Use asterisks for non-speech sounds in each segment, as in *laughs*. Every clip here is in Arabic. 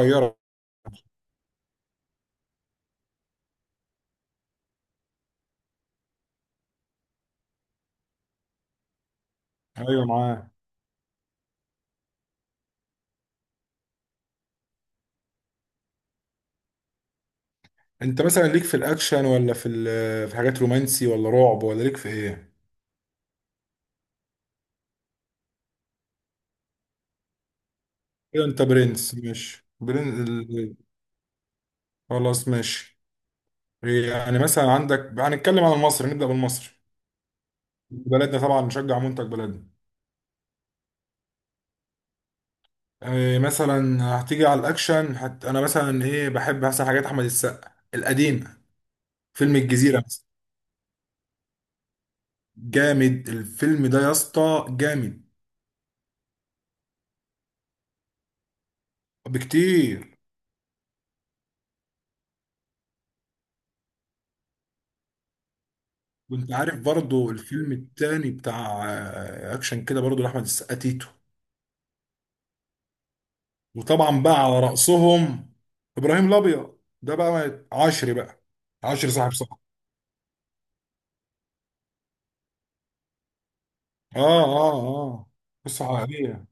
صغيرة. ايوه معاه. انت مثلا ليك في الاكشن ولا في حاجات رومانسي ولا رعب ولا ليك في ايه؟ ايوه، انت برنس. ماشي، برنس خلاص ماشي. يعني مثلا عندك، هنتكلم عن المصري، نبدأ بالمصري بلدنا، طبعا نشجع منتج بلدنا. إيه مثلا؟ هتيجي على الاكشن انا مثلا ايه بحب مثلا حاجات احمد السقا القديمة. فيلم الجزيرة مثلا. جامد الفيلم ده يا اسطى، جامد بكتير. وانت عارف برضو الفيلم التاني بتاع اكشن كده برضو، لاحمد السقا، تيتو. وطبعا بقى على رأسهم ابراهيم الابيض، ده بقى عشري بقى، عشري صاحب صاحب. اه اه اه. قصة حقيقية.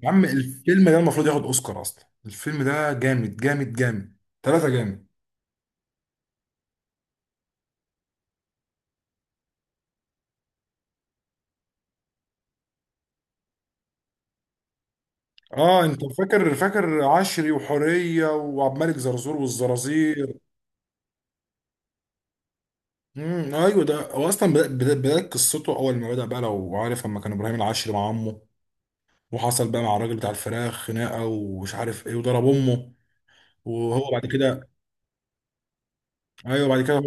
يا عم الفيلم ده المفروض ياخد اوسكار اصلا، الفيلم ده جامد جامد جامد. ثلاثة جامد. اه انت فاكر عشري وحورية وعبد الملك زرزور والزرازير. ايوه، ده هو اصلا بدايه قصته. اول ما بدا بقى، لو عارف، لما كان ابراهيم العشري مع عمه، وحصل بقى مع الراجل بتاع الفراخ خناقه ومش عارف ايه وضرب امه. وهو بعد كده. ايوه بعد كده.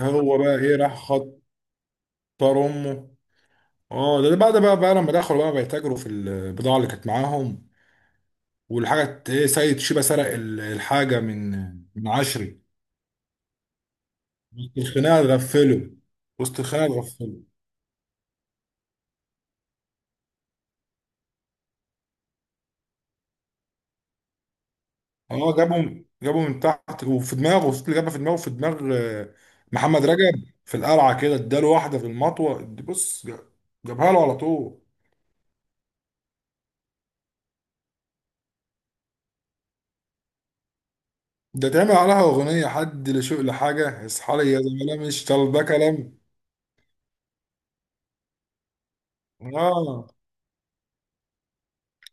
هو بقى ايه، راح خطر امه. اه ده بعد بقى لما دخلوا بقى بيتاجروا في البضاعه اللي كانت معاهم، والحاجه ايه، سيد شيبه سرق الحاجه من عشري. وسط الخناقه اتغفلوا وسط الخناقه اتغفلوا. اه جابهم من تحت وفي دماغه، وسط اللي جابها في دماغه، في دماغ آه، محمد رجب في القلعه كده اداله واحده في المطوه. بص جابها له على طول. ده تعمل عليها اغنيه، حد لشوق لحاجه، اصحى لي يا زميلة مش طالبه كلام. اه.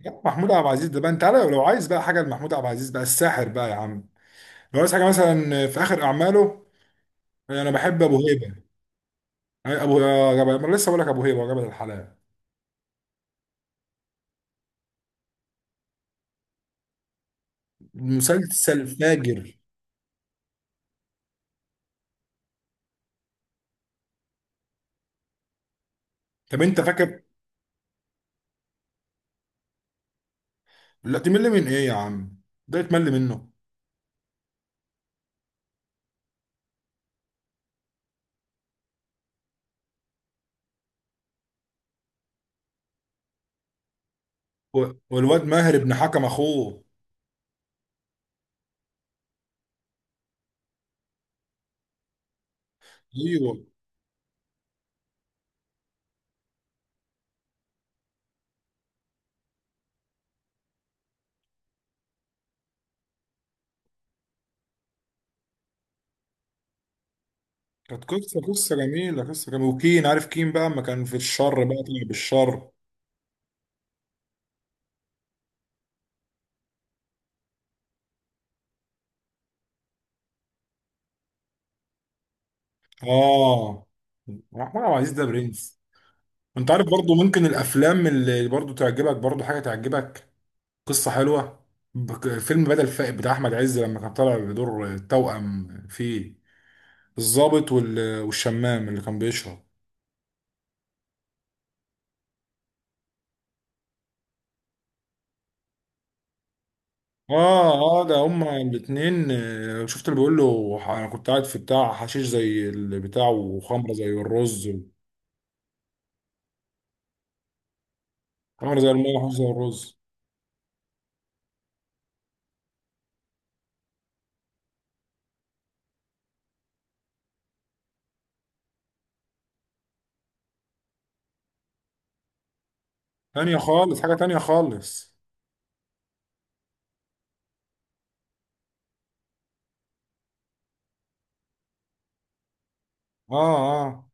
يا محمود عبد العزيز، ده بقى انت عارف، لو عايز بقى حاجه لمحمود عبد العزيز بقى الساحر بقى يا عم، لو عايز حاجه مثلا في اخر اعماله، انا بحب ابو هيبه. أي- ابو آه، جبل. ما أنا لسه بقول لك ابو هيبه وجبل الحلال. مسلسل فاجر. طب انت فاكر؟ لا تمل من ايه يا عم؟ ده يتمل منه؟ والواد ماهر ابن حكم اخوه. ايوه، كانت قصه جميله. وكين عارف كين بقى اما كان في الشر بقى طلع بالشر. اه. محمود عبد العزيز ده برنس. انت عارف برضو ممكن الافلام اللي برضو تعجبك، برضو حاجه تعجبك، قصه حلوه. فيلم بدل فائد بتاع احمد عز لما كان طالع بدور توأم في الضابط والشمام اللي كان بيشرب. اه اه، ده هما الاتنين. شفت اللي بيقول له، انا كنت قاعد في بتاع حشيش زي البتاع وخمره زي الرز، خمره زي الميه وحشيش زي الرز. تانية خالص، حاجه تانية خالص. اه اه.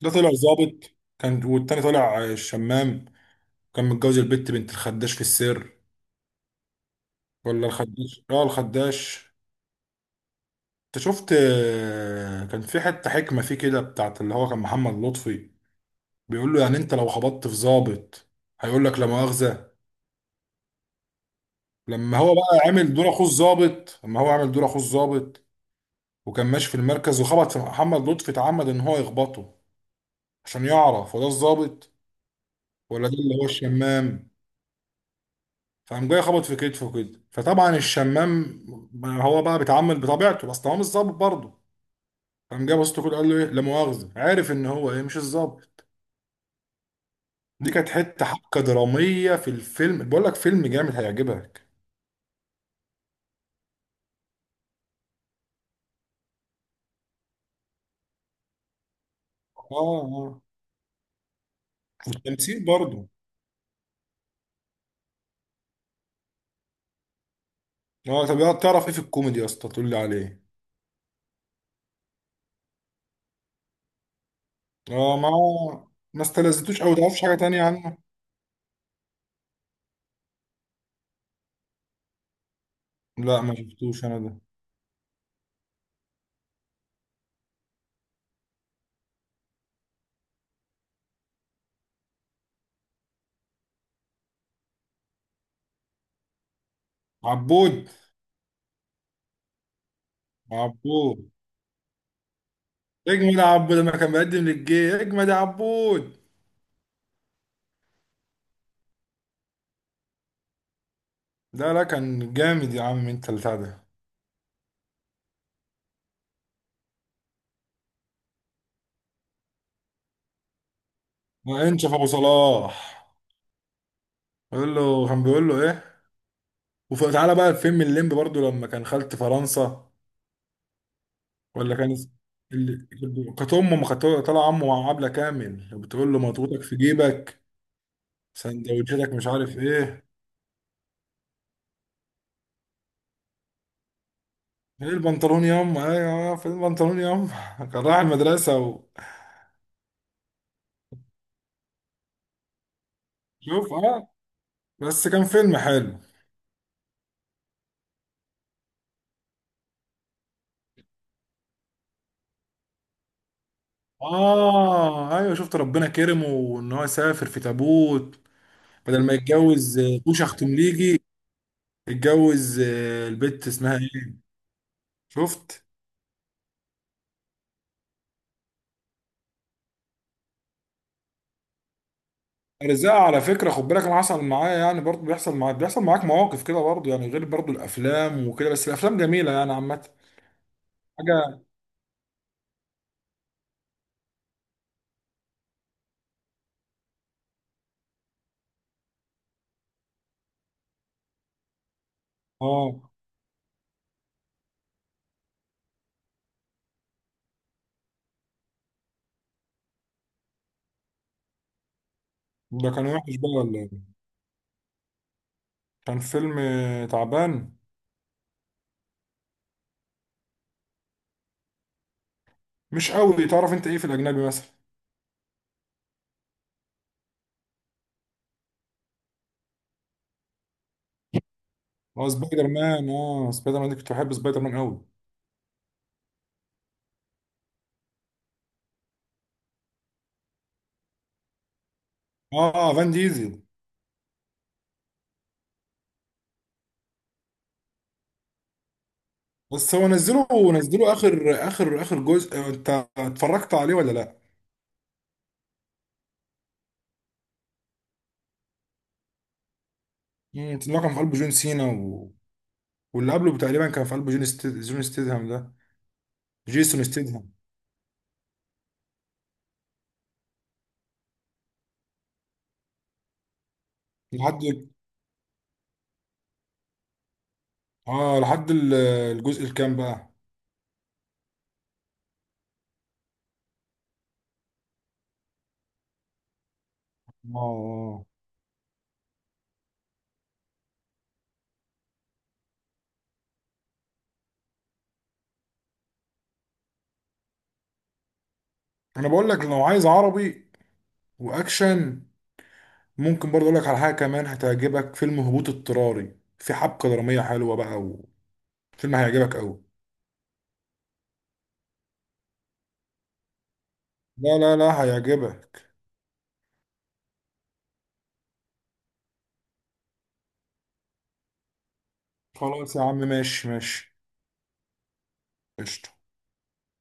ده طلع ظابط، كان، والتاني طلع شمام. كان متجوز البت بنت الخداش في السر، ولا الخداش، الخداش. انت شفت كان في حتة حكمة فيه كده بتاعت اللي هو كان محمد لطفي. بيقول له يعني انت لو خبطت في ظابط، هيقول لك لا مؤاخذة. لما هو بقى عامل دور اخوه الظابط، لما هو عامل دور اخوه الظابط وكان ماشي في المركز وخبط في محمد لطفي، اتعمد ان هو يخبطه عشان يعرف هو ده الظابط ولا ده اللي هو الشمام. فقام جاي خبط في كتفه كده، فطبعا الشمام هو بقى بيتعامل بطبيعته بس هو مش ظابط برضه. فقام جاي بص له كده قال له ايه، لا مؤاخذه. عارف ان هو ايه، مش الظابط. دي كانت حته حبكه دراميه في الفيلم. بقول لك فيلم جامد هيعجبك. اه اه. والتمثيل برضه. اه، طب يا تعرف ايه في الكوميدي يا اسطى؟ تقول لي عليه. اه ما هو، ما استلذتوش او تعرفش حاجه تانية عنه؟ لا ما شفتوش انا ده. عبود. عبود اجمد يا عبود، لما كان بيقدم للجي اجمد يا عبود. لا لا، كان جامد يا عم، انت البتاع ده. وانشف ابو صلاح. بيقول له، كان بيقول له ايه؟ وتعالى بقى الفيلم الليمبي برضو، لما كان خالة فرنسا ولا كان اللي كانت امه، ما كانت طالع عمه مع عبلة كامل بتقول له مضغوطك في جيبك، سندوتشاتك مش عارف ايه البنطلون ياما، ايوه، فين البنطلون ياما. *laughs* كان رايح المدرسة شوف، اه، بس كان فيلم حلو. اه ايوه شفت، ربنا كرمه وان هو سافر في تابوت، بدل ما يتجوز بوشا ختمليجي، اتجوز البت اسمها ايه. شفت الرزاق على فكره. خد بالك انا حصل معايا، يعني برضه بيحصل معاك، بيحصل معاك مواقف كده برضه، يعني غير برضه الافلام وكده، بس الافلام جميله يعني عامه. حاجه. اه. ده كان وحش بقى ولا إيه؟ كان فيلم تعبان. مش قوي. تعرف انت ايه في الاجنبي مثلا؟ اه سبايدر مان. اه سبايدر مان دي، كنت بحب سبايدر مان قوي. اه فان ديزل. بس هو نزله، اخر اخر اخر جزء، انت اتفرجت عليه ولا لا؟ اللي هو كان في قلبه جون سينا واللي قبله تقريبا كان في قلبه جون ستيدهام ده. جيسون ستيدهام. لحد اه لحد ال- الجزء الكام بقى؟ اه. آه. انا بقول لك، لو عايز عربي واكشن، ممكن برضه اقول لك على حاجه كمان هتعجبك، فيلم هبوط اضطراري، في حبكه دراميه حلوه بقى، وفيلم هيعجبك قوي. لا لا لا، هيعجبك. خلاص يا عم، ماشي ماشي. قشطة.